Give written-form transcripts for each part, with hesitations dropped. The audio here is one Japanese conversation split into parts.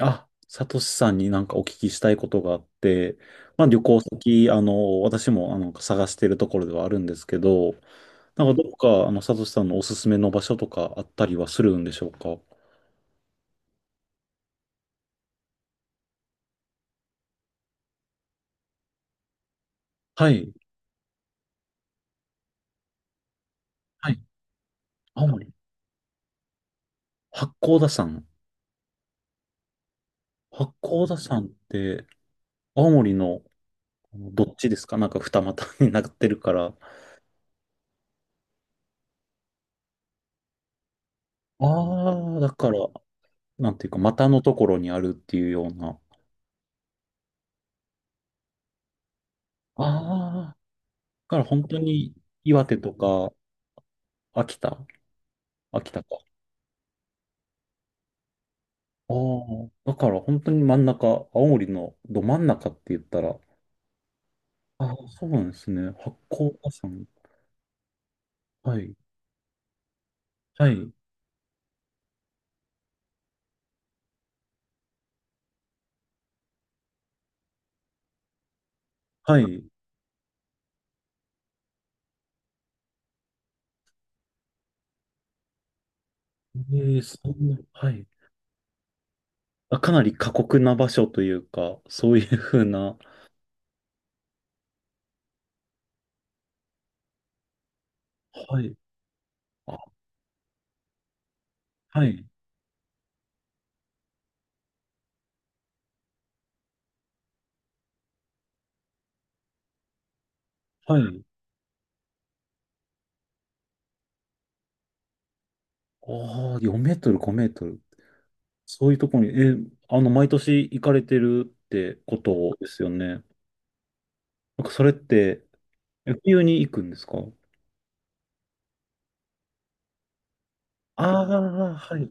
あ、サトシさんになんかお聞きしたいことがあって、まあ旅行先、私も探しているところではあるんですけど、なんかどこか、サトシさんのおすすめの場所とかあったりはするんでしょうか？はい。はい。青森。八甲田山。八甲田山って、青森のどっちですか？なんか二股になってるから。ああ、だから、なんていうか、股のところにあるっていうような。ああ、だから本当に岩手とか秋田。秋田か。ああ、だから本当に真ん中、青森のど真ん中って言ったら、ああ、そうなんですね。八甲田山。はい、はい、はい。ええ、そんな、はい。あ、かなり過酷な場所というか、そういうふうな、はい、あ、はい、はい。ああ、4メートル、5メートル。そういうところに、毎年行かれてるってことですよね。なんかそれって、冬に行くんですか？ああー、はい、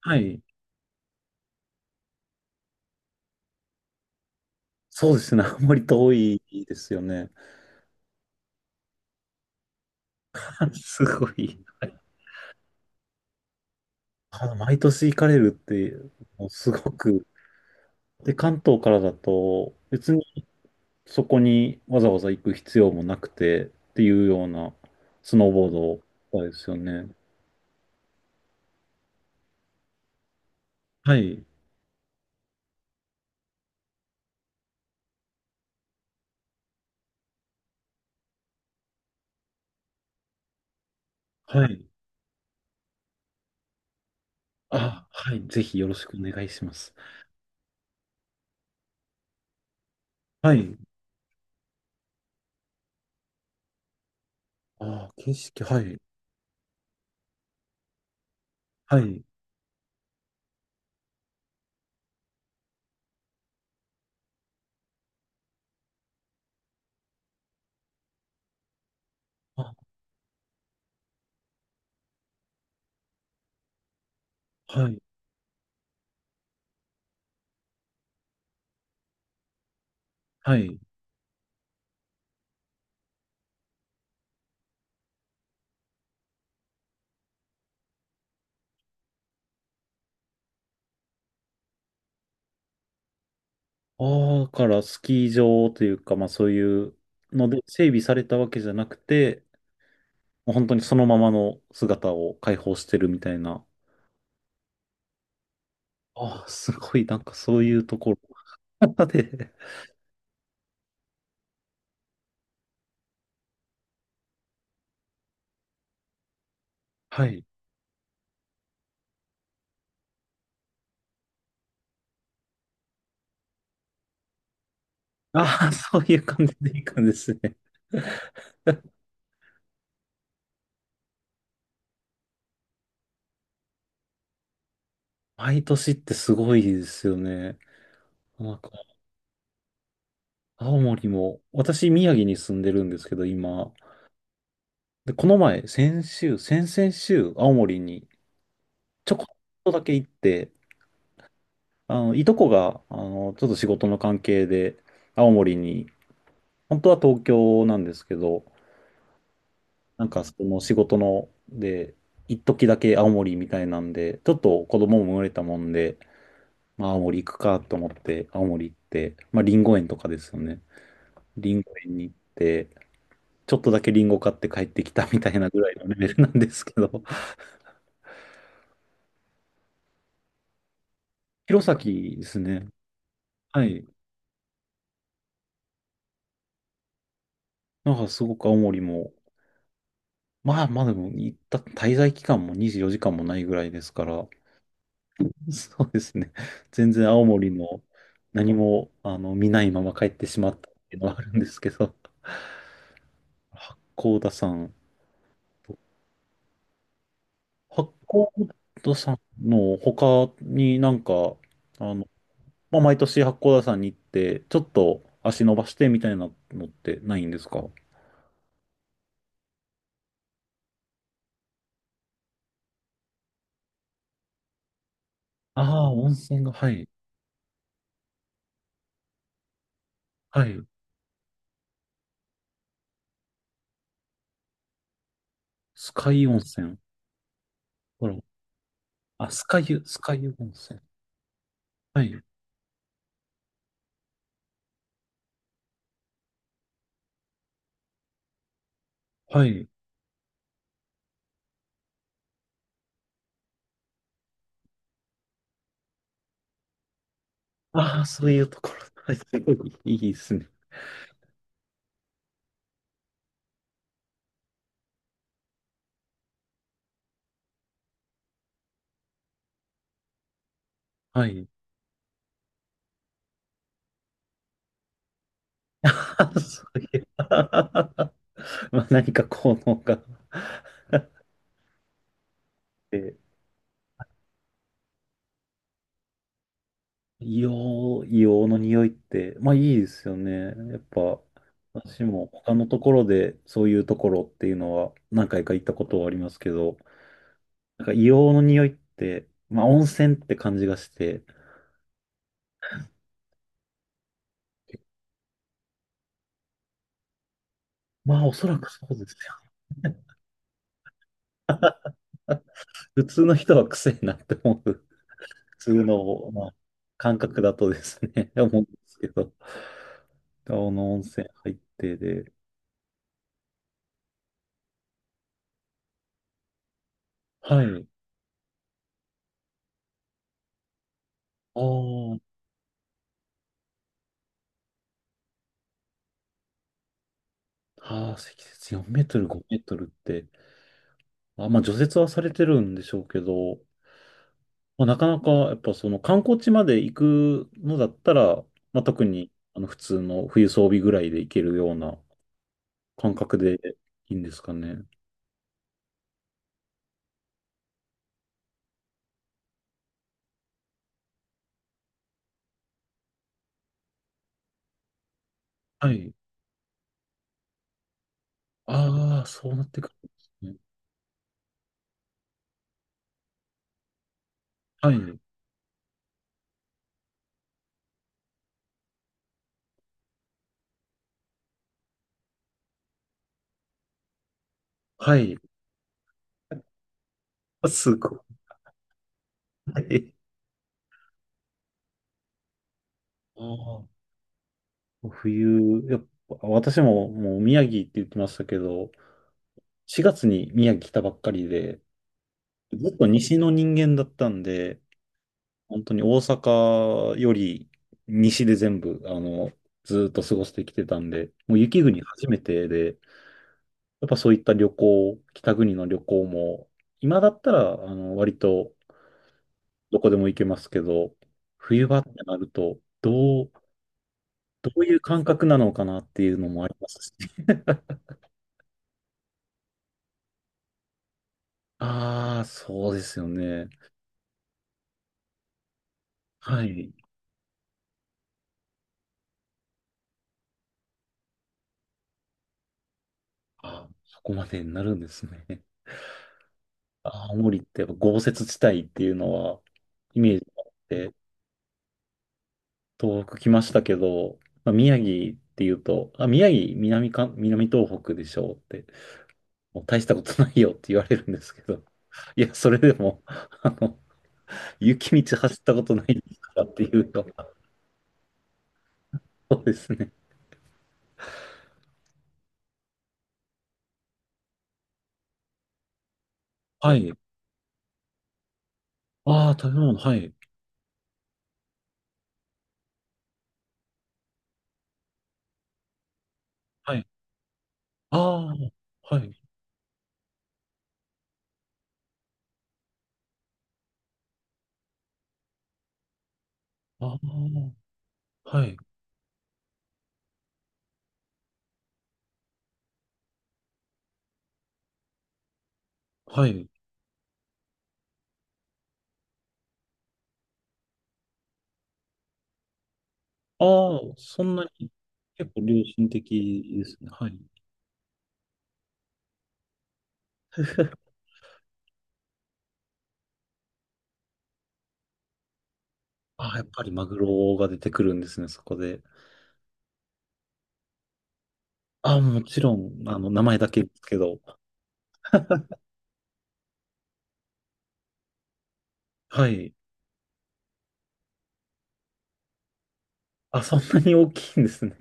はい。そうですね。あまり遠いですよね。すごい。毎年行かれるって、もうすごく。で、関東からだと、別にそこにわざわざ行く必要もなくてっていうようなスノーボードですよね。はい。はい。あ、はい。ぜひよろしくお願いします。はい。あ、景色、はい。はい。あ、はい。はい。ああ、だからスキー場というか、まあそういうので整備されたわけじゃなくて、もう本当にそのままの姿を解放してるみたいな。ああ、すごい、なんかそういうところ で、はい。ああ、そういう感じでいい感じですね。毎年ってすごいですよね。なんか、青森も、私、宮城に住んでるんですけど、今。で、この前、先週、先々週、青森にちょこっとだけ行って、いとこが、ちょっと仕事の関係で、青森に、本当は東京なんですけど、なんかその仕事ので、一時だけ青森みたいなんで、ちょっと子供も生まれたもんで、まあ青森行くかと思って青森行って、まあリンゴ園とかですよね。リンゴ園に行って、ちょっとだけリンゴ買って帰ってきたみたいなぐらいのレベルなんですけど、弘前ですね。はい。なんかすごく青森も、まあまあでも行った滞在期間も24時間もないぐらいですから、そうですね。全然青森の何も見ないまま帰ってしまったっていうのはあるんですけど、八甲田山と、八甲田山の他になんか、あの、まあ、毎年八甲田山に行って、ちょっと足伸ばしてみたいなのってないんですか？ああー、温泉が、はい、はい。スカイ温泉。ほら、あ、スカユ温泉。はい、はい。ああ、そういうところ。はい、すごいいいですね。はい。あそういう まあ何か効能があっ硫黄の匂いって、まあいいですよね。やっぱ、私も他のところでそういうところっていうのは何回か行ったことはありますけど、なんか硫黄の匂いって、まあ温泉って感じがして、まあおそらくそうですよ。ね 普通の人は癖になって思う。普通のを、まあ、感覚だとですね、思うんですけど、青の温泉入ってで、はい。あーあー、積雪4メートル、5メートルって、あ、まあ除雪はされてるんでしょうけど、まあ、なかなかやっぱその観光地まで行くのだったら、まあ、特に普通の冬装備ぐらいで行けるような感覚でいいんですかね。はい。ああ、そうなってくるんですね。はい。はい。あすごい。はい。ああ。冬、やっぱ私ももう宮城って言ってましたけど、4月に宮城来たばっかりで、ずっと西の人間だったんで、本当に大阪より西で全部、ずっと過ごしてきてたんで、もう雪国初めてで、やっぱそういった旅行、北国の旅行も、今だったら、割とどこでも行けますけど、冬場ってなると、どういう感覚なのかなっていうのもありますし、ああ、そうですよね。はい。あ、そこまでになるんですね。青森ってやっぱ豪雪地帯っていうのは、イメージがあって、東北来ましたけど、まあ、宮城っていうと、あ、宮城、南か、南東北でしょうって、もう大したことないよって言われるんですけど、いや、それでも、雪道走ったことないですからっていうのが、そうですね。はい。ああ、食べ物、はい。はい。ああ、はい。ああ、はい。はい。ああ、そんなに結構良心的ですね。はい。ああ、やっぱりマグロが出てくるんですね、そこで。ああ、もちろん、名前だけですけど。はい。あ、そんなに大きいんですね。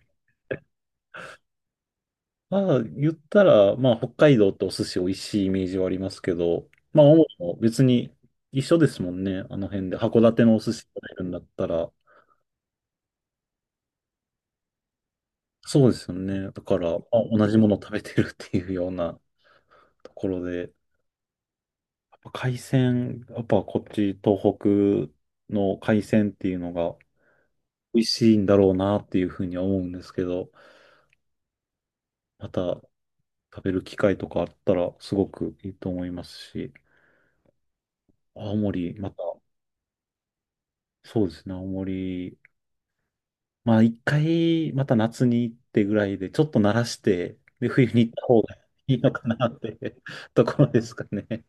まあ、言ったら、まあ、北海道ってお寿司美味しいイメージはありますけど、まあ、青森も別に一緒ですもんね、あの辺で。函館のお寿司食べるんだったら。そうですよね。だから、まあ、同じものを食べてるっていうようなところで。海鮮、やっぱこっち東北の海鮮っていうのが美味しいんだろうなっていうふうには思うんですけど、また食べる機会とかあったらすごくいいと思いますし、青森、また、そうですね、青森、まあ一回また夏に行ってぐらいで、ちょっと慣らして、で、冬に行った方がいいのかなって ところですかね。